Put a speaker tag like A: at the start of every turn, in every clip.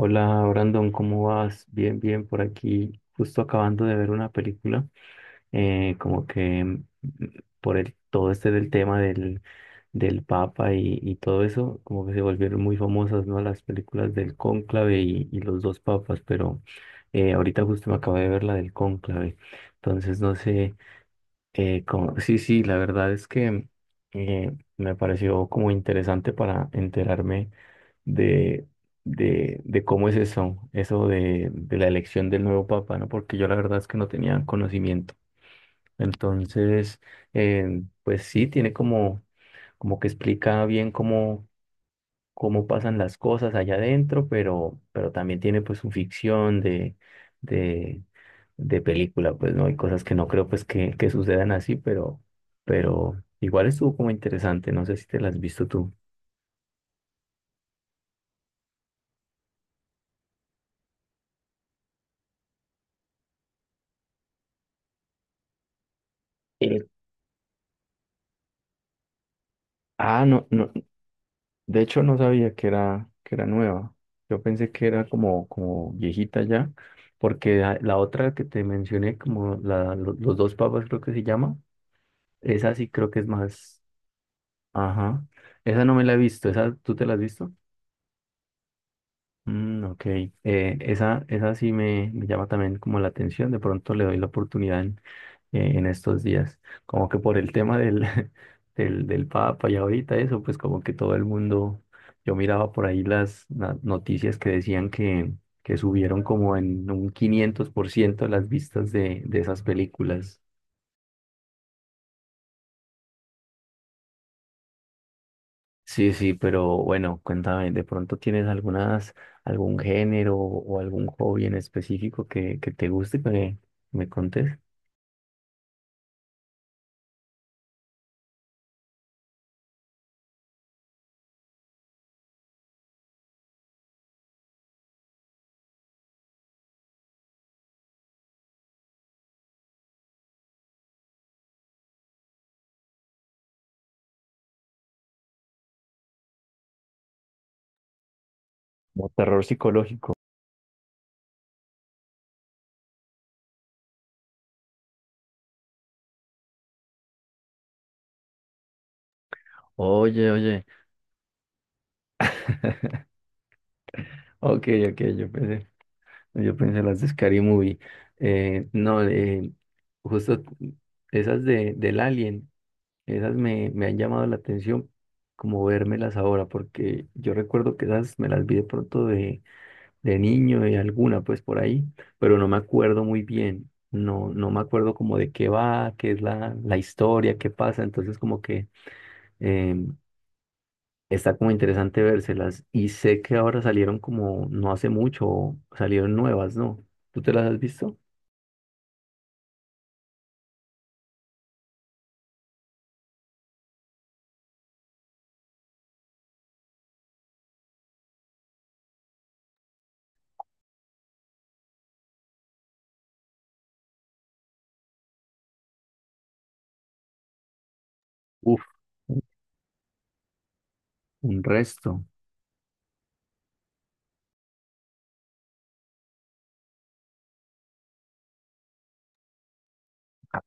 A: Hola Brandon, ¿cómo vas? Bien, bien, por aquí, justo acabando de ver una película. Como que todo este del tema del Papa y todo eso, como que se volvieron muy famosas, ¿no? Las películas del Cónclave y los dos papas, pero ahorita justo me acabo de ver la del Cónclave. Entonces no sé. Cómo- sí, sí, la verdad es que eh, me pareció como interesante para enterarme de, de cómo es eso. De la elección del nuevo papa, ¿no? Porque yo la verdad es que no tenía conocimiento. Entonces, pues sí, tiene como, como que explica bien cómo pasan las cosas allá adentro, pero también tiene pues su ficción de, de película. Pues no hay cosas que no creo pues que sucedan así, pero igual estuvo como interesante. No sé si te las has visto tú. Eh, no, no, de hecho no sabía que era nueva. Yo pensé que era como, como viejita ya, porque la otra que te mencioné, como los dos papas creo que se llama. Esa sí creo que es más, ajá, esa no me la he visto. Esa tú te la has visto. Mm, ok. Esa sí me llama también como la atención. De pronto le doy la oportunidad en estos días, como que por el tema del, del Papa. Y ahorita eso, pues como que todo el mundo, yo miraba por ahí las na- noticias que decían que subieron como en un 500% las vistas de esas películas. Sí, sí, pero bueno, cuéntame, ¿de pronto tienes algún género o algún hobby en específico que te guste que me contes? Como terror psicológico. Oye, oye. Ok, ok, yo pensé las de Scary Movie. No, justo esas del Alien, esas me han llamado la atención como vérmelas ahora, porque yo recuerdo que esas me las vi de pronto de niño, de alguna, pues por ahí, pero no me acuerdo muy bien. No, no me acuerdo como de qué va, qué es la historia, qué pasa. Entonces como que em, está como interesante vérselas. Y sé que ahora salieron como no hace mucho, salieron nuevas, ¿no? ¿Tú te las has visto? Uf, un un resto.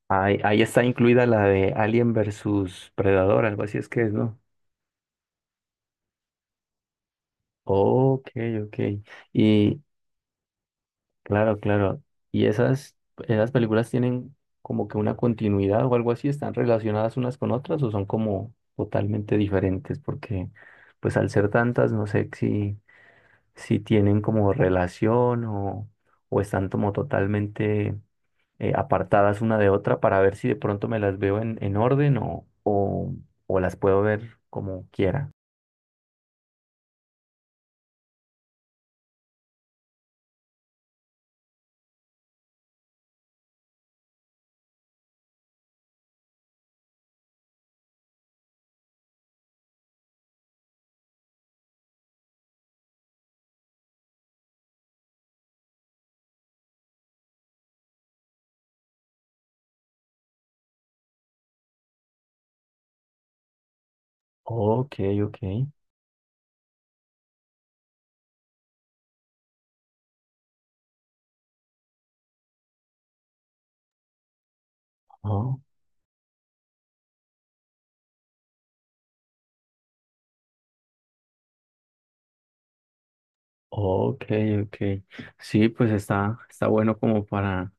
A: Ahí, ahí está incluida la de Alien versus Predador, algo así es que es, ¿no? Ok, ok. Y claro, claro. ¿Y esas películas tienen como que una continuidad o algo así? ¿Están relacionadas unas con otras o son como totalmente diferentes? Porque pues al ser tantas, no sé si... si tienen como relación o están como totalmente apartadas una de otra, para ver si de pronto me las veo en orden o las puedo ver como quiera. Ok, ok. Oh, ok, ok. Sí, pues está bueno como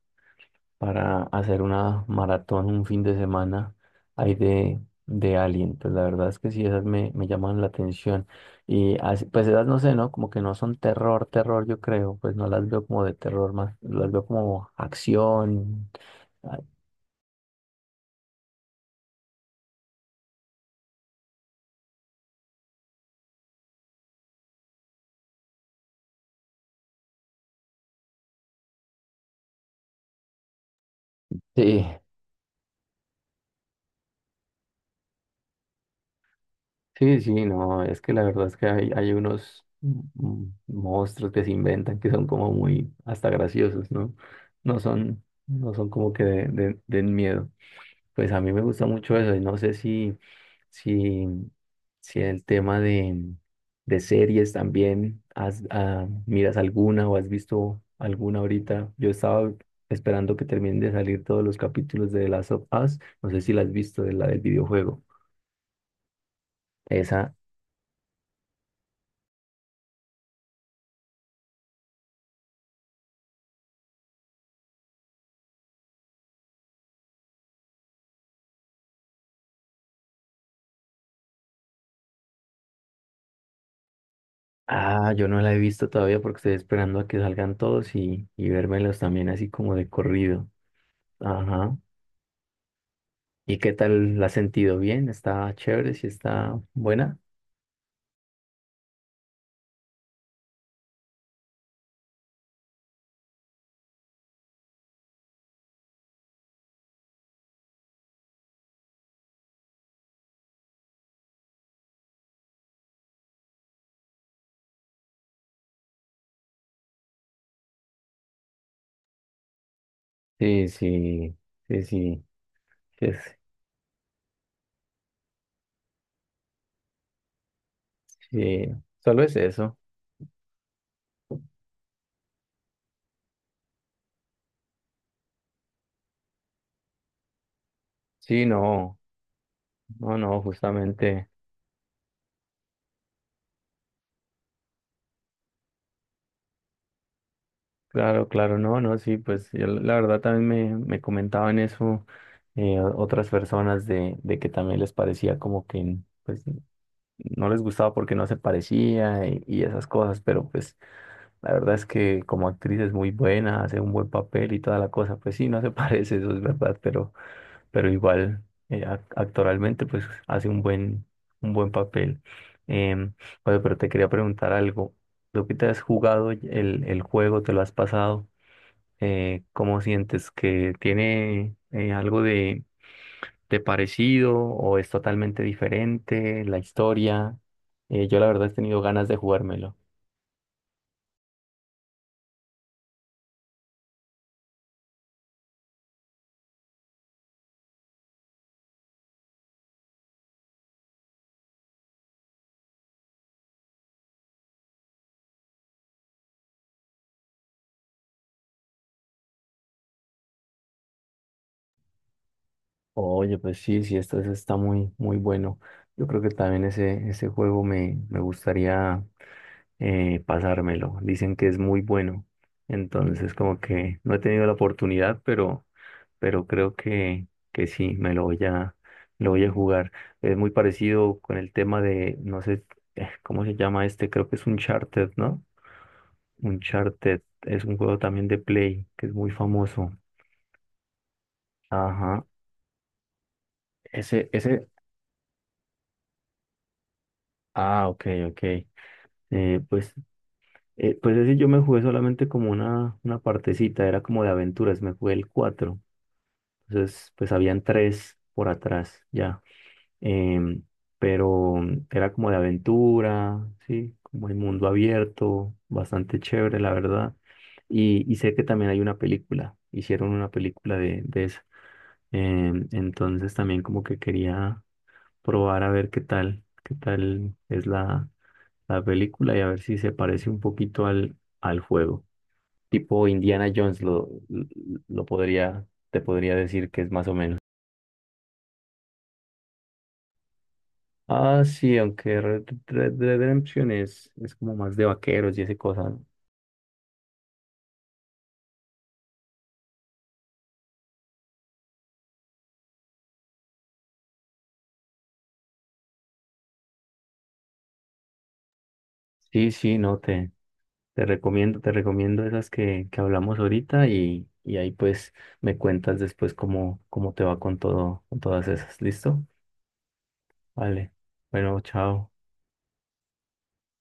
A: para hacer una maratón un fin de semana ahí de Alien. Pues la verdad es que sí, esas me llaman la atención. Y así, pues esas no sé, ¿no? Como que no son terror, terror, yo creo. Pues no las veo como de terror más, las veo como acción. Ah, sí, sí, sí, no, es que la verdad es que hay unos monstruos que se inventan que son como muy hasta graciosos, ¿no? No son, no son como que de, den miedo. Pues a mí me gusta mucho eso y no sé si, si el tema de series también, miras alguna o has visto alguna ahorita. Yo estaba esperando que terminen de salir todos los capítulos de The Last of Us, no sé si la has visto, de la del videojuego. Esa, yo no la he visto todavía porque estoy esperando a que salgan todos y vérmelos también así como de corrido. Ajá. ¿Y qué tal la has sentido? ¿Bien? ¿Está chévere? ¿Si está buena? Sí, sí, sí, sí, sí, es- sí, solo es eso. Sí, no, no, no, justamente, claro, claro, no, no, sí, pues yo la verdad también me comentaban eso, o- otras personas de que también les parecía como que pues no les gustaba porque no se parecía y esas cosas, pero pues la verdad es que como actriz es muy buena, hace un buen papel y toda la cosa. Pues sí, no se parece, eso es verdad, pero igual ac- actoralmente pues hace un buen papel. Em, oye, pero te quería preguntar algo. ¿Tú que te has jugado el juego, te lo has pasado? ¿Cómo sientes que tiene algo de parecido o es totalmente diferente la historia? Yo la verdad he tenido ganas de jugármelo. Oye, pues sí, sí, esto es- está muy, muy bueno. Yo creo que también ese juego me gustaría pasármelo. Dicen que es muy bueno. Entonces, como que no he tenido la oportunidad, pero creo que sí, me lo voy a jugar. Es muy parecido con el tema de, no sé, ¿cómo se llama este? Creo que es Uncharted, ¿no? Uncharted es un juego también de Play, que es muy famoso. Ajá. Ese, ese, ok, ok. Pues, pues ese yo me jugué solamente como una partecita, era como de aventuras, me jugué el cuatro. Entonces, pues habían tres por atrás ya. Em, pero era como de aventura, ¿sí? Como el mundo abierto, bastante chévere, la verdad. Y sé que también hay una película, hicieron una película de esa. Entonces también como que quería probar a ver qué tal es la película, y a ver si se parece un poquito al, al juego. Tipo Indiana Jones lo podría, te podría decir que es más o menos. Ah, sí, aunque Red Dead Redemption es como más de vaqueros y ese cosa. Sí, sí, no, te recomiendo esas que hablamos ahorita, y ahí pues me cuentas después cómo te va con todo, con todas esas. ¿Listo? Vale. Bueno, chao.